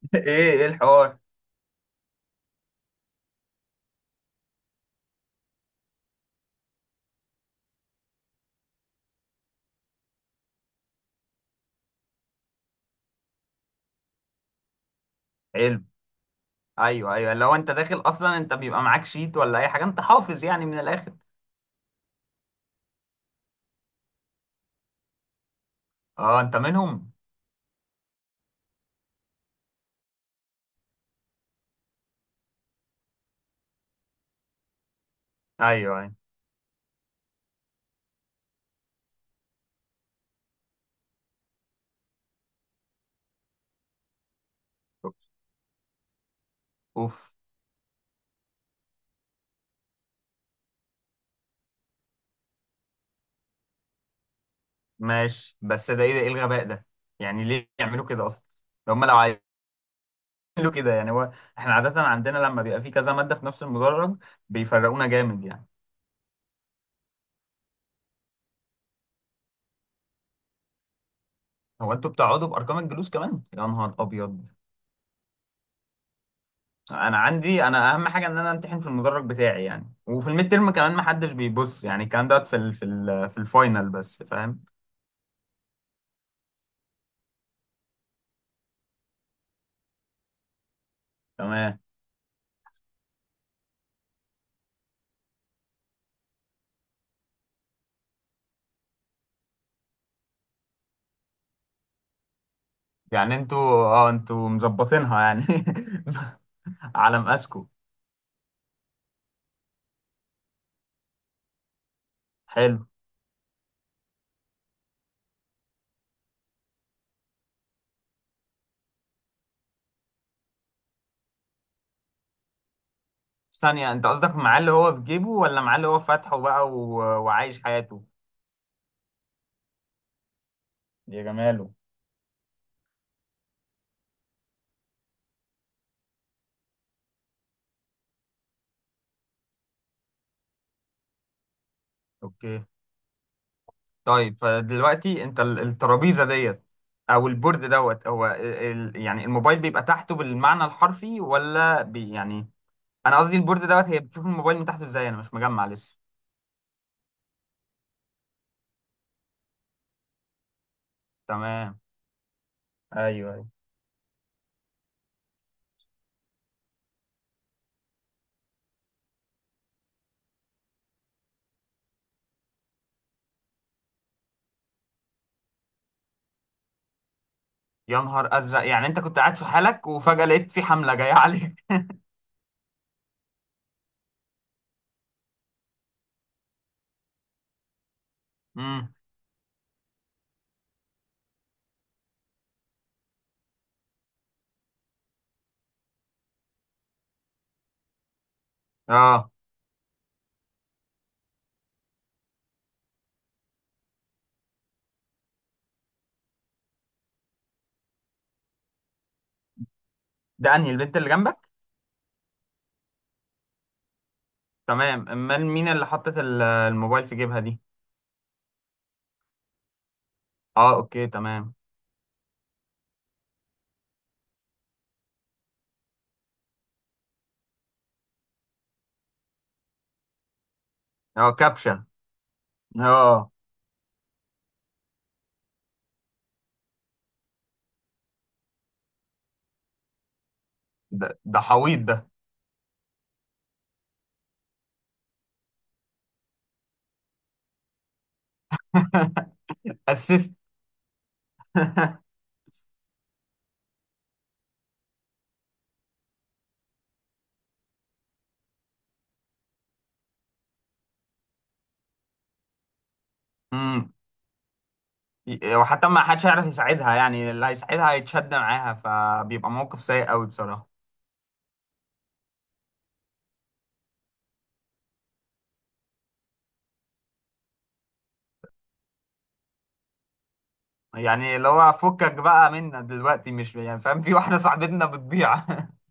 ايه ايه الحوار؟ حلو. ايوه، ايوه، لو انت داخل اصلا انت بيبقى معاك شيت ولا اي حاجه، انت حافظ يعني من الاخر. اه، انت منهم؟ ايوه، ايوه. اوف. ماشي، بس ده ايه؟ ده ايه الغباء ده؟ يعني ليه يعملوا كده اصلا؟ هم لو عملوا كده يعني هو، احنا عاده عندنا لما بيبقى في كذا ماده في نفس المدرج بيفرقونا جامد يعني. هو انتوا بتقعدوا بارقام الجلوس كمان؟ يا نهار ابيض. انا عندي، انا اهم حاجه ان انا امتحن في المدرج بتاعي يعني، وفي الميد ترم كمان ما حدش بيبص، يعني الكلام دوت في الفاينل بس، فاهم؟ تمام. يعني انتوا مظبطينها يعني. على مقاسكم. حلو. ثانيه، انت قصدك معاه اللي هو في جيبه، ولا معاه اللي هو فاتحه بقى و... وعايش حياته؟ يا جماله. اوكي، طيب، فدلوقتي انت الترابيزه ديت او البورد دوت هو يعني الموبايل بيبقى تحته بالمعنى الحرفي ولا بي يعني؟ انا قصدي البورد دوت هي بتشوف الموبايل من تحته ازاي؟ انا مش مجمع لسه. تمام، ايوه، ايوه. يا نهار ازرق، يعني انت كنت قاعد في حالك وفجأة لقيت في حملة جاية عليك؟ امم. اه، ده انهي البنت اللي جنبك؟ تمام، امال مين اللي حطت الموبايل في جيبها دي؟ اه، اوكي، تمام. اه، كابشن. اه، ده ده حويط ده. اسيست. امم. وحتى ما حدش هيعرف يساعدها، يعني اللي هيساعدها هيتشد معاها، فبيبقى موقف سيء قوي بصراحة. يعني اللي هو فكك بقى منا دلوقتي، مش يعني فاهم في واحده صاحبتنا بتضيع؟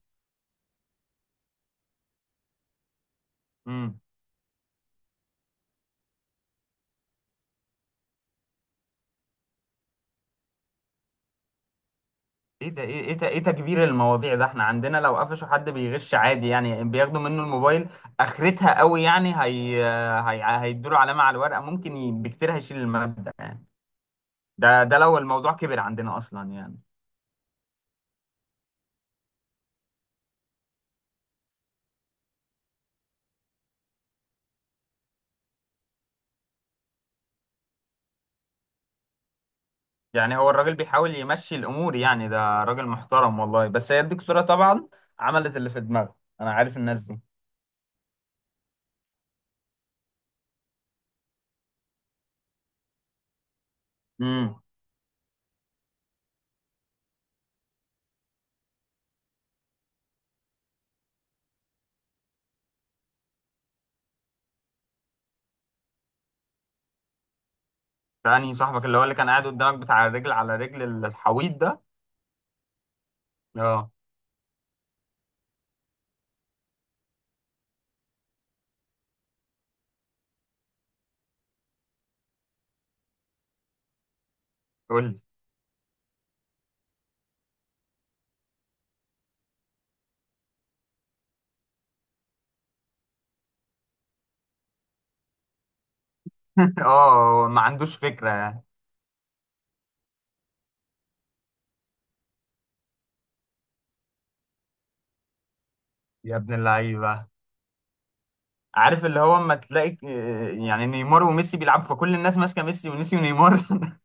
امم. ايه ده؟ ايه ده ايه تكبير المواضيع ده؟ احنا عندنا لو قفشوا حد بيغش عادي يعني بياخدوا منه الموبايل، اخرتها قوي يعني. هي هيدوله علامه على الورقه، ممكن بكتير هيشيل الماده يعني. ده لو الموضوع كبر عندنا اصلا يعني. يعني هو الراجل بيحاول يمشي الامور يعني، ده راجل محترم والله، بس هي الدكتوره طبعا عملت اللي في دماغها. انا عارف الناس دي. امم. تاني، صاحبك اللي هو اللي كان قاعد قدامك بتاع الرجل على رجل الحويط ده؟ اه. قول لي. اه، ما عندوش فكرة يعني. يا ابن اللعيبة. عارف اللي هو اما تلاقي يعني نيمار وميسي بيلعبوا، فكل الناس ماسكة ميسي ونسيوا نيمار؟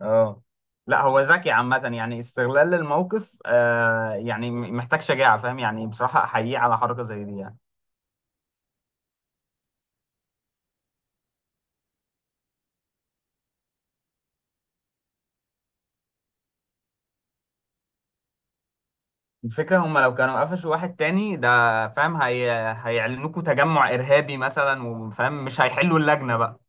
اه. لا، هو ذكي عامة يعني، استغلال الموقف آه يعني محتاج شجاعة، فاهم يعني، بصراحة أحييه على حركة زي دي يعني. الفكرة هم لو كانوا قفشوا واحد تاني ده فاهم هيعلنوكوا تجمع إرهابي مثلا، وفاهم مش هيحلوا اللجنة بقى.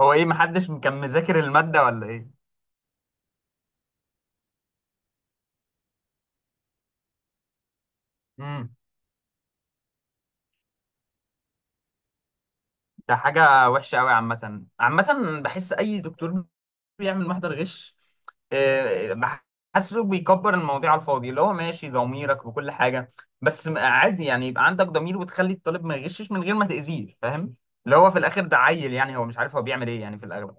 هو ايه؟ محدش كان مذاكر المادة ولا ايه؟ امم. ده حاجة وحشة قوي عامة عامة. بحس اي دكتور بيعمل محضر غش آه، بحسه بيكبر المواضيع على الفاضي، اللي هو ماشي ضميرك وكل حاجة، بس عادي يعني يبقى عندك ضمير وتخلي الطالب ما يغشش من غير ما تأذيه، فاهم؟ اللي هو في الآخر ده عيل يعني، هو مش عارف هو بيعمل ايه يعني في الأغلب.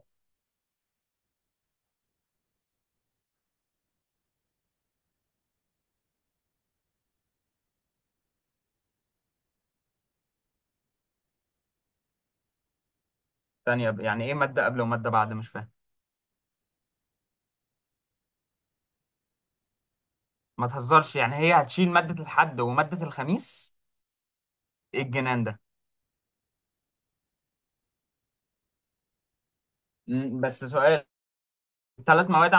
ثانية يعني ايه مادة قبل ومادة بعد؟ مش فاهم. ما تهزرش، يعني هي هتشيل مادة الحد ومادة الخميس؟ إيه الجنان ده؟ بس سؤال، ثلاث مواد؟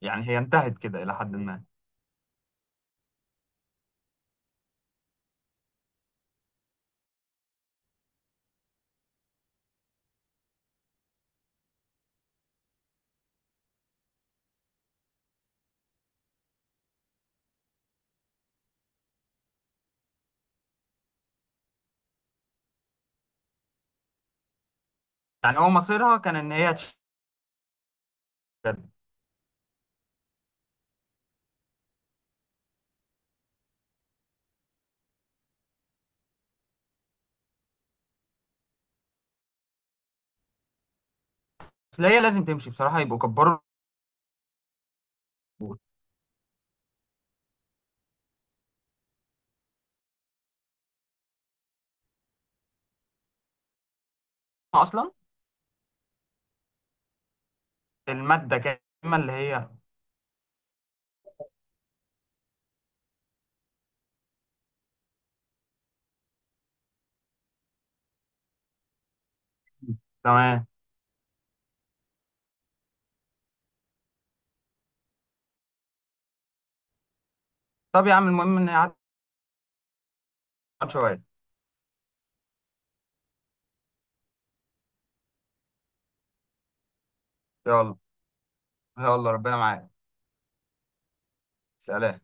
يعني هي انتهت كده إلى حد ما؟ يعني هو مصيرها كان إن هي تشتغل. بس هي لازم تمشي بصراحة، يبقوا كبروا الجمهور. أصلا المادة كاملة اللي هي. تمام. طب يا عم، المهم إن هي عدت شوية. يلا. يلا، ربنا معاك. سلام.